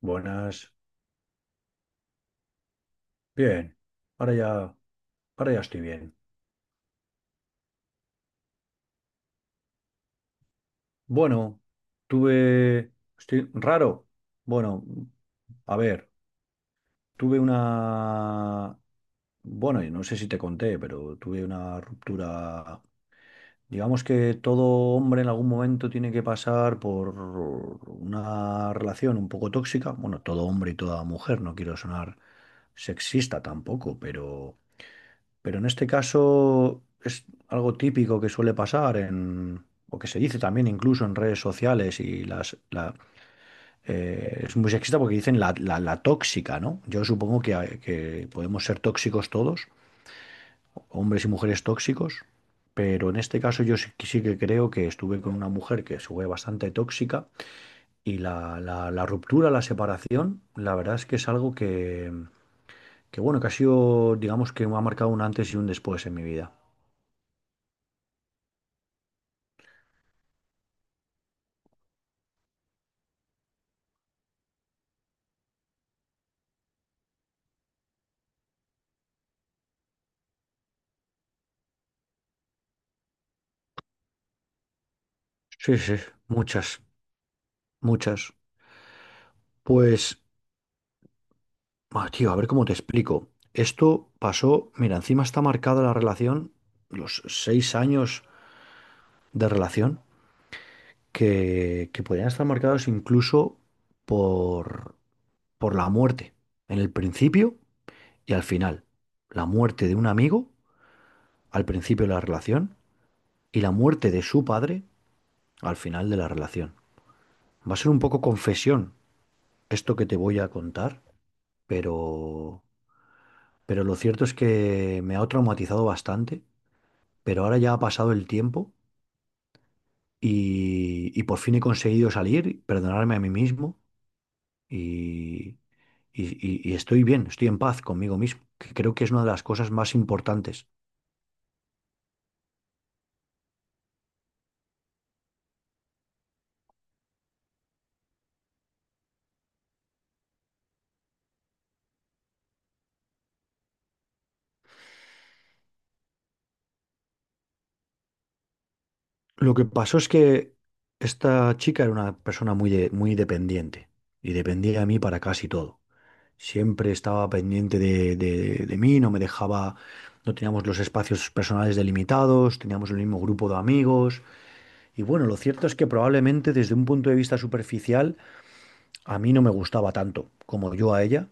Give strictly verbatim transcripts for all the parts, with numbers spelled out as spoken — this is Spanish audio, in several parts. Buenas. Bien. Ahora ya, ahora ya estoy bien. Bueno, tuve... Estoy raro. Bueno, a ver, tuve una... Bueno, y no sé si te conté, pero tuve una ruptura. Digamos que todo hombre en algún momento tiene que pasar por una relación un poco tóxica. Bueno, todo hombre y toda mujer, no quiero sonar sexista tampoco, pero Pero en este caso es algo típico que suele pasar en, o que se dice también incluso en redes sociales y las, la, eh, es muy sexista porque dicen la, la- la tóxica, ¿no? Yo supongo que, hay- que podemos ser tóxicos todos, hombres y mujeres tóxicos, pero en este caso yo sí, sí que creo que estuve con una mujer que fue bastante tóxica y la, la, la ruptura, la separación, la verdad es que es algo que, que, bueno, que ha sido, digamos que me ha marcado un antes y un después en mi vida. Sí, sí, muchas, muchas. Pues, ah, tío, a ver cómo te explico. Esto pasó, mira, encima está marcada la relación, los seis años de relación, que, que podían estar marcados incluso por, por la muerte, en el principio y al final. La muerte de un amigo al principio de la relación y la muerte de su padre al final de la relación. Va a ser un poco confesión esto que te voy a contar, pero... Pero lo cierto es que me ha traumatizado bastante, pero ahora ya ha pasado el tiempo y, y por fin he conseguido salir, perdonarme a mí mismo y, y- y- y estoy bien, estoy en paz conmigo mismo, que creo que es una de las cosas más importantes. Lo que pasó es que esta chica era una persona muy, de- muy dependiente y dependía de mí para casi todo. Siempre estaba pendiente de, de de mí, no me dejaba, no teníamos los espacios personales delimitados, teníamos el mismo grupo de amigos. Y bueno, lo cierto es que probablemente desde un punto de vista superficial a mí no me gustaba tanto como yo a ella,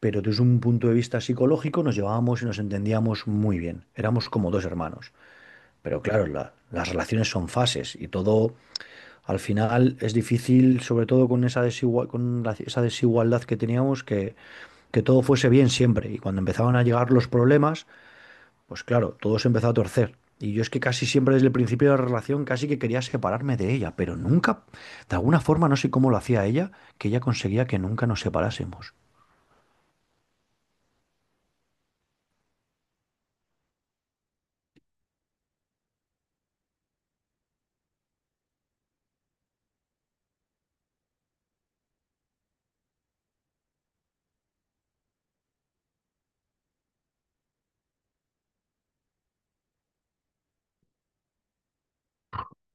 pero desde un punto de vista psicológico nos llevábamos y nos entendíamos muy bien. Éramos como dos hermanos. Pero claro, la- las relaciones son fases y todo al final es difícil, sobre todo con esa desigual- con la- esa desigualdad que teníamos, que, que todo fuese bien siempre. Y cuando empezaban a llegar los problemas, pues claro, todo se empezó a torcer. Y yo es que casi siempre desde el principio de la relación casi que quería separarme de ella, pero nunca, de alguna forma, no sé cómo lo hacía ella, que ella conseguía que nunca nos separásemos.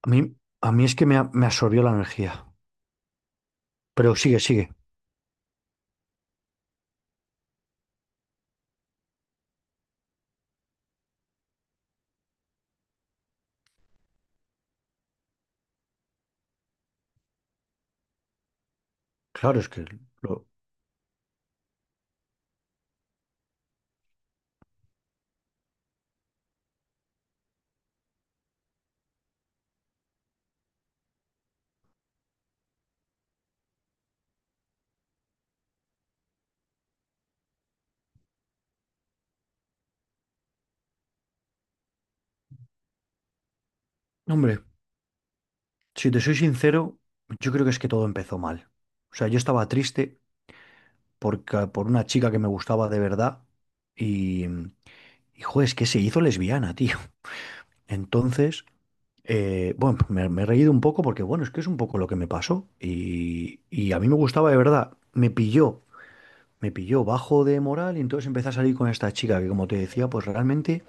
A mí, a mí es que me, a- me absorbió la energía. Pero sigue, sigue. Claro, es que lo... Hombre, si te soy sincero, yo creo que es que todo empezó mal. O sea, yo estaba triste porque, por una chica que me gustaba de verdad y, y joder, es que se hizo lesbiana, tío. Entonces... Eh, bueno, pues me, me he reído un poco porque, bueno, es que es un poco lo que me pasó. Y, y a mí me gustaba de verdad. Me pilló, me pilló bajo de moral y entonces empecé a salir con esta chica que, como te decía, pues realmente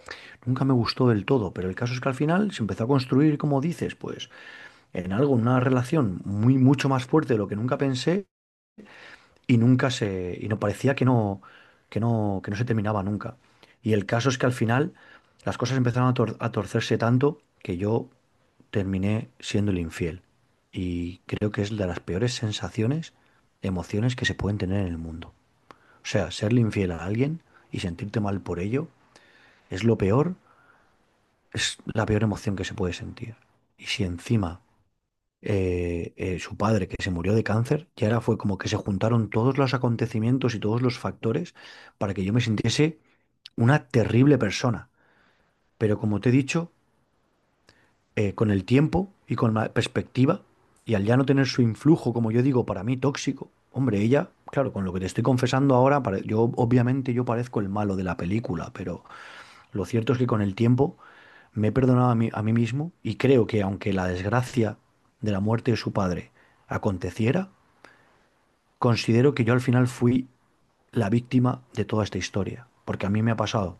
nunca me gustó del todo. Pero el caso es que al final se empezó a construir, como dices, pues en algo, una relación muy, mucho más fuerte de lo que nunca pensé y nunca se, y no parecía que no, que no, que no se terminaba nunca. Y el caso es que al final las cosas empezaron a, tor- a torcerse tanto que yo terminé siendo el infiel. Y creo que es de las peores sensaciones, emociones que se pueden tener en el mundo. O sea, serle infiel a alguien y sentirte mal por ello es lo peor, es la peor emoción que se puede sentir. Y si encima eh, eh, su padre, que se murió de cáncer, y ahora fue como que se juntaron todos los acontecimientos y todos los factores para que yo me sintiese una terrible persona. Pero como te he dicho, eh, con el tiempo y con la perspectiva, y al ya no tener su influjo, como yo digo, para mí tóxico, hombre, ella, claro, con lo que te estoy confesando ahora, pare- yo obviamente yo parezco el malo de la película, pero lo cierto es que con el tiempo me he perdonado a mí, a mí mismo y creo que aunque la desgracia de la muerte de su padre aconteciera, considero que yo al final fui la víctima de toda esta historia, porque a mí me ha pasado,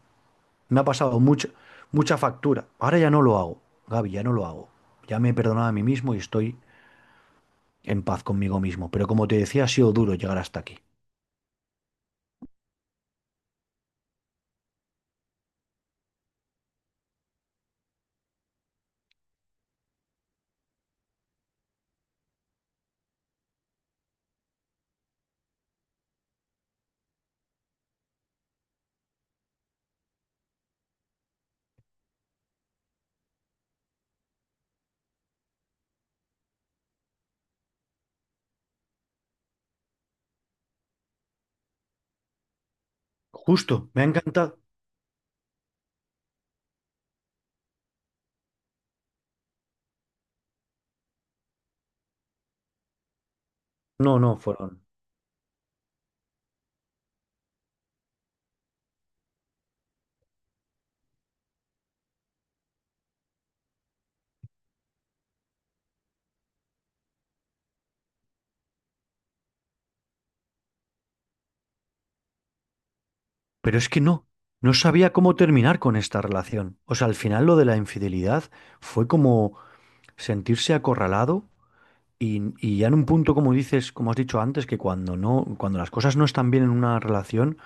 me ha pasado mucha, mucha factura. Ahora ya no lo hago, Gaby, ya no lo hago. Ya me he perdonado a mí mismo y estoy en paz conmigo mismo, pero como te decía, ha sido duro llegar hasta aquí. Justo, me ha encantado. No, no, fueron. Pero es que no, no sabía cómo terminar con esta relación. O sea, al final lo de la infidelidad fue como sentirse acorralado y, y ya en un punto, como dices, como has dicho antes, que cuando no, cuando las cosas no están bien en una relación,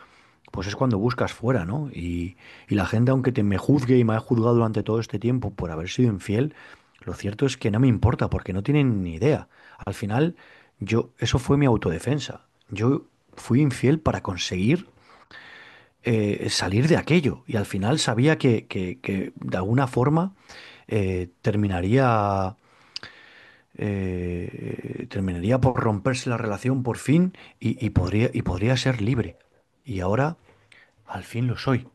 pues es cuando buscas fuera, ¿no? Y, y la gente, aunque te me juzgue y me ha juzgado durante todo este tiempo por haber sido infiel, lo cierto es que no me importa porque no tienen ni idea. Al final, yo, eso fue mi autodefensa. Yo fui infiel para conseguir eh, salir de aquello. Y al final sabía que, que- que de alguna forma eh, terminaría, eh, terminaría por romperse la relación por fin y, y podría, y podría ser libre. Y ahora al fin lo soy.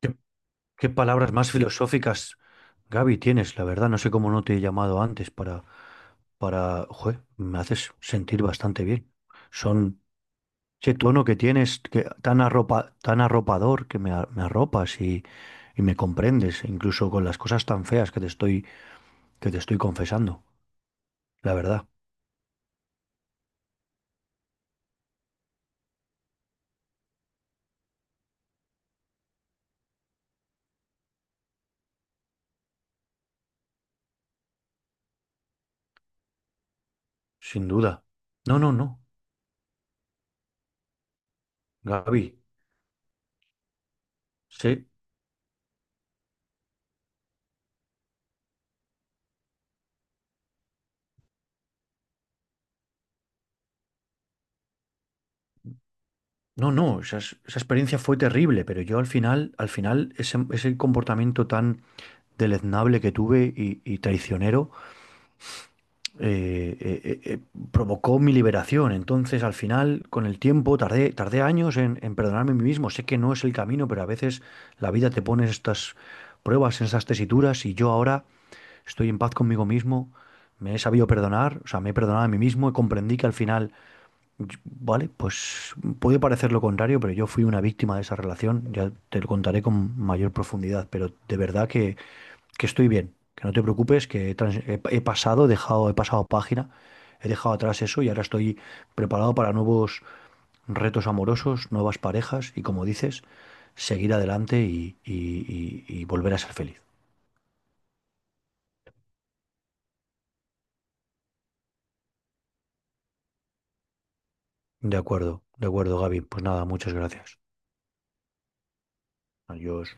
¿Qué, qué palabras más filosóficas, Gaby, tienes? La verdad, no sé cómo no te he llamado antes para, para, joder, me haces sentir bastante bien. Son. Ese tono que tienes, que, tan arropa, tan arropador, que me, a- me arropas y, y me comprendes, incluso con las cosas tan feas que te estoy, que te estoy confesando, la verdad, sin duda. No, no, no, Gaby, sí, no, no, esa, es- esa experiencia fue terrible, pero yo al final, al final, ese, ese comportamiento tan deleznable que tuve y, y traicionero, eh, eh, eh, provocó mi liberación. Entonces, al final, con el tiempo, tardé, tardé años en, en perdonarme a mí mismo. Sé que no es el camino, pero a veces la vida te pone estas pruebas, en esas tesituras, y yo ahora estoy en paz conmigo mismo, me he sabido perdonar, o sea, me he perdonado a mí mismo y comprendí que al final yo- vale, pues puede parecer lo contrario, pero yo fui una víctima de esa relación. Ya te lo contaré con mayor profundidad, pero de verdad que, que estoy bien. Que no te preocupes, que he, trans- he he pasado, he dejado, he pasado página, he dejado atrás eso y ahora estoy preparado para nuevos retos amorosos, nuevas parejas y, como dices, seguir adelante y, y y- y volver a ser feliz. De acuerdo, de acuerdo, Gaby. Pues nada, muchas gracias. Adiós.